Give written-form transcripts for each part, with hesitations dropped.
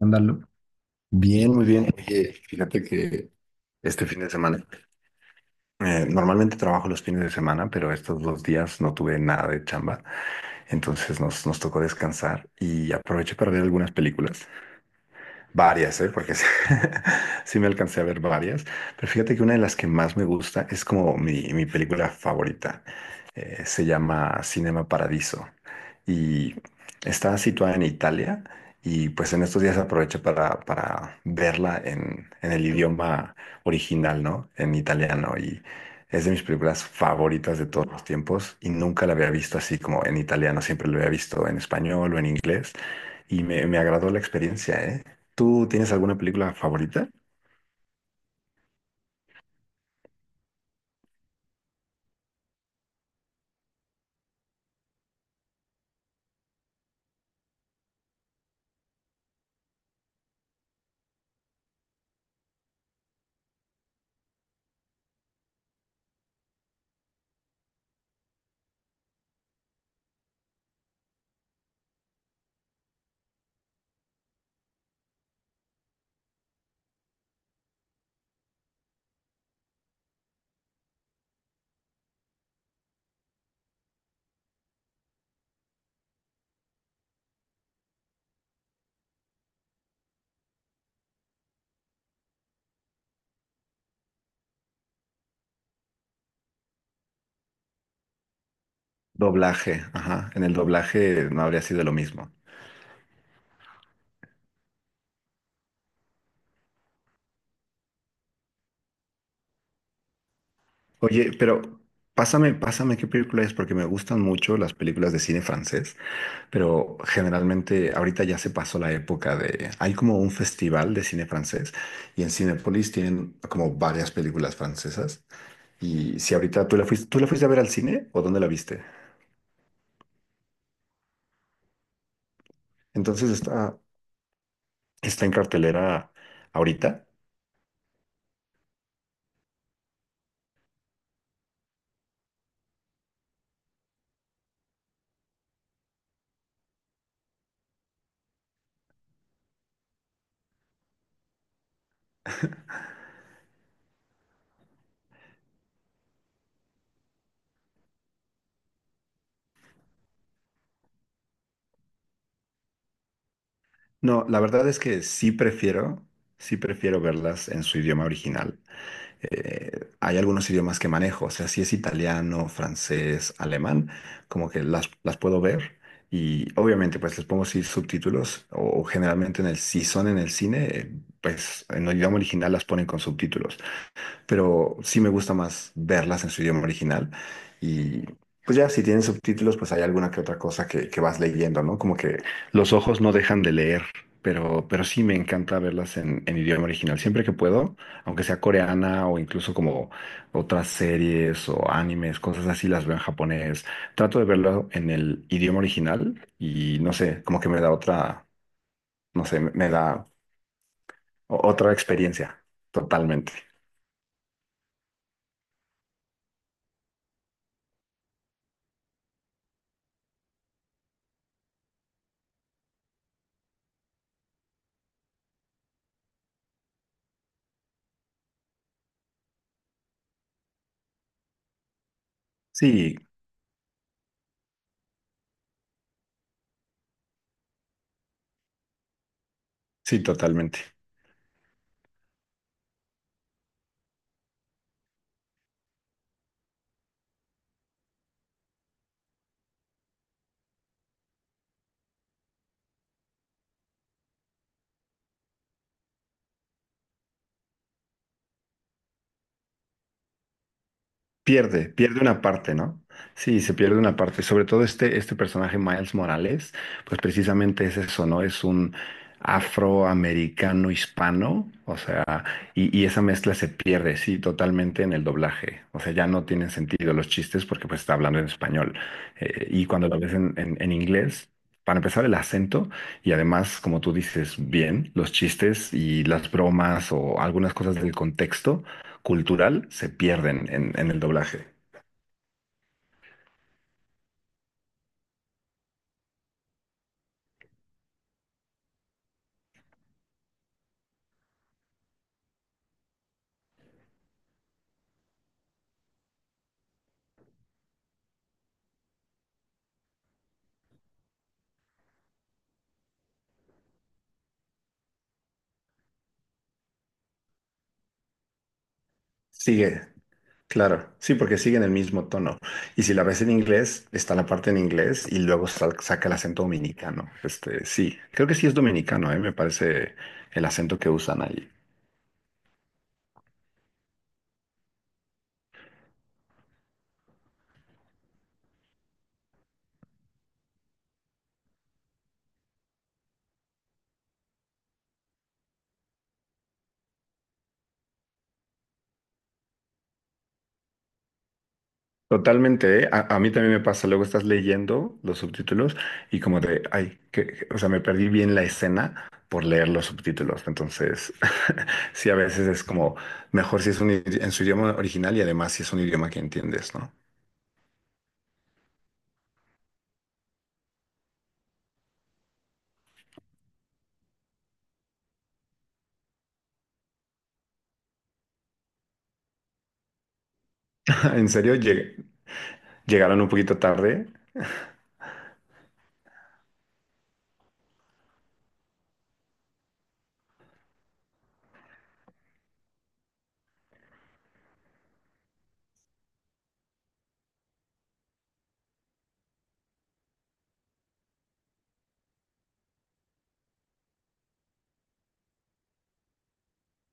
Ándalo. Bien, muy bien. Oye, fíjate que este fin de semana, normalmente trabajo los fines de semana, pero estos dos días no tuve nada de chamba, entonces nos tocó descansar y aproveché para ver algunas películas. Varias, ¿eh? Porque sí, sí me alcancé a ver varias. Pero fíjate que una de las que más me gusta es como mi película favorita. Se llama Cinema Paradiso y está situada en Italia. Y pues en estos días aproveché para verla en el idioma original, ¿no? En italiano. Y es de mis películas favoritas de todos los tiempos. Y nunca la había visto así como en italiano. Siempre la había visto en español o en inglés. Y me agradó la experiencia, ¿eh? ¿Tú tienes alguna película favorita? Doblaje, ajá. En el doblaje no habría sido lo mismo. Oye, pero pásame qué película es, porque me gustan mucho las películas de cine francés, pero generalmente ahorita ya se pasó la época de… Hay como un festival de cine francés y en Cinépolis tienen como varias películas francesas. Y si ahorita ¿tú la fuiste a ver al cine o dónde la viste? Entonces está en cartelera ahorita. No, la verdad es que sí prefiero verlas en su idioma original. Hay algunos idiomas que manejo, o sea, si es italiano, francés, alemán, como que las puedo ver y obviamente pues les pongo sí subtítulos o, generalmente en el, si son en el cine, pues en el idioma original las ponen con subtítulos, pero sí me gusta más verlas en su idioma original. Y pues ya, si tienen subtítulos, pues hay alguna que otra cosa que vas leyendo, ¿no? Como que los ojos no dejan de leer, pero, sí me encanta verlas en idioma original. Siempre que puedo, aunque sea coreana o incluso como otras series o animes, cosas así, las veo en japonés. Trato de verlo en el idioma original y no sé, como que me da otra, no sé, me da otra experiencia. Totalmente. Sí, sí, totalmente. Pierde, pierde una parte, ¿no? Sí, se pierde una parte. Sobre todo este personaje, Miles Morales, pues precisamente es eso, ¿no? Es un afroamericano hispano, o sea, y, esa mezcla se pierde, sí, totalmente en el doblaje. O sea, ya no tienen sentido los chistes porque pues está hablando en español. Y cuando lo ves en, en inglés, para empezar el acento y además, como tú dices, bien, los chistes y las bromas o algunas cosas del contexto cultural se pierden en el doblaje. Sigue, claro, sí, porque siguen el mismo tono. Y si la ves en inglés, está la parte en inglés y luego saca el acento dominicano. Este, sí, creo que sí es dominicano, ¿eh? Me parece el acento que usan ahí. Totalmente, ¿eh? A mí también me pasa, luego estás leyendo los subtítulos y como de, ay, que, o sea, me perdí bien la escena por leer los subtítulos. Entonces, sí, a veces es como mejor si es un en su idioma original y además si es un idioma que entiendes, ¿no? En serio, llegaron un poquito tarde.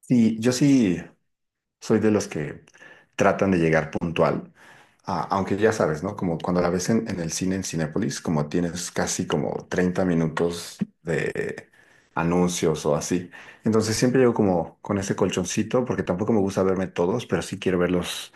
Sí, yo sí soy de los que tratan de llegar puntual. Ah, aunque ya sabes, ¿no? Como cuando la ves en, el cine, en Cinépolis, como tienes casi como 30 minutos de anuncios o así. Entonces siempre llego como con ese colchoncito, porque tampoco me gusta verme todos, pero sí quiero verlos,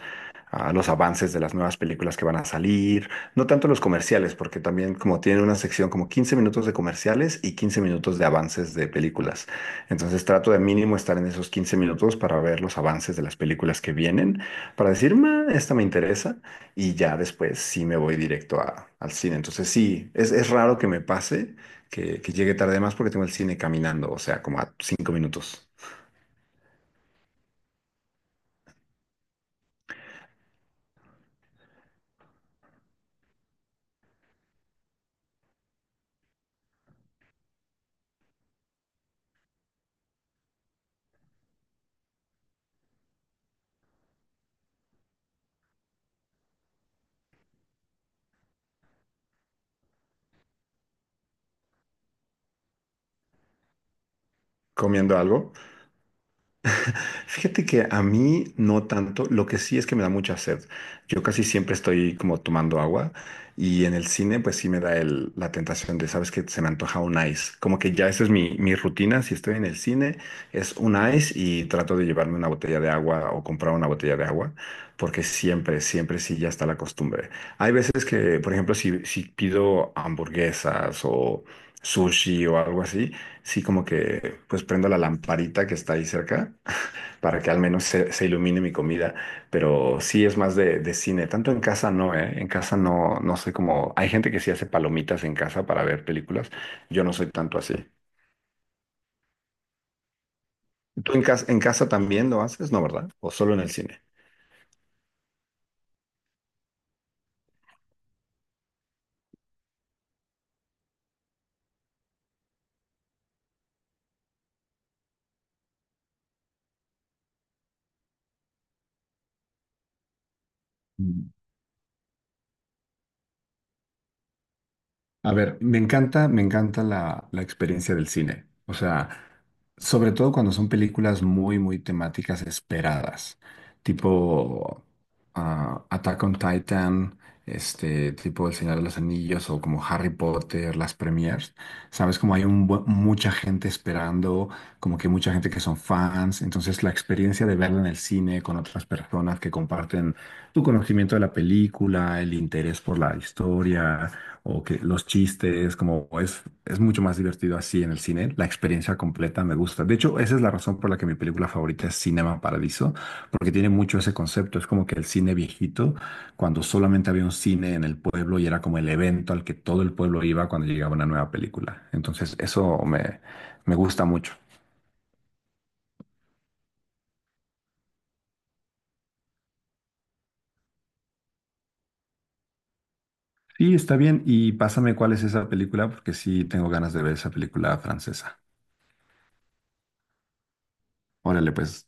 a los avances de las nuevas películas que van a salir, no tanto los comerciales, porque también como tiene una sección como 15 minutos de comerciales y 15 minutos de avances de películas. Entonces trato de mínimo estar en esos 15 minutos para ver los avances de las películas que vienen, para decir, "Ma, esta me interesa", y ya después sí me voy directo al cine. Entonces sí, es raro que me pase que llegue tarde, más porque tengo el cine caminando, o sea, como a 5 minutos. ¿Comiendo algo? Fíjate que a mí no tanto, lo que sí es que me da mucha sed. Yo casi siempre estoy como tomando agua y en el cine pues sí me da la tentación de, ¿sabes que Se me antoja un ice. Como que ya esa es mi rutina, si estoy en el cine es un ice, y trato de llevarme una botella de agua o comprar una botella de agua, porque siempre, siempre sí ya está la costumbre. Hay veces que, por ejemplo, si pido hamburguesas o sushi o algo así, sí como que pues prendo la lamparita que está ahí cerca para que al menos se ilumine mi comida, pero sí es más de cine, tanto en casa no, ¿eh? En casa no, no sé cómo. Hay gente que sí hace palomitas en casa para ver películas, yo no soy tanto así. ¿Tú en casa, también lo haces? No, ¿verdad? ¿O solo en el cine? A ver, me encanta la experiencia del cine. O sea, sobre todo cuando son películas muy, muy temáticas esperadas, tipo ah, Attack on Titan, este, tipo El Señor de los Anillos o como Harry Potter, las premiers. Sabes, como hay un mucha gente esperando, como que mucha gente que son fans. Entonces, la experiencia de verla en el cine con otras personas que comparten tu conocimiento de la película, el interés por la historia o que los chistes, como es mucho más divertido así en el cine, la experiencia completa me gusta. De hecho, esa es la razón por la que mi película favorita es Cinema Paradiso, porque tiene mucho ese concepto, es como que el cine viejito, cuando solamente había un cine en el pueblo y era como el evento al que todo el pueblo iba cuando llegaba una nueva película. Entonces, me gusta mucho. Sí, está bien, y pásame cuál es esa película, porque sí tengo ganas de ver esa película francesa. Órale, pues.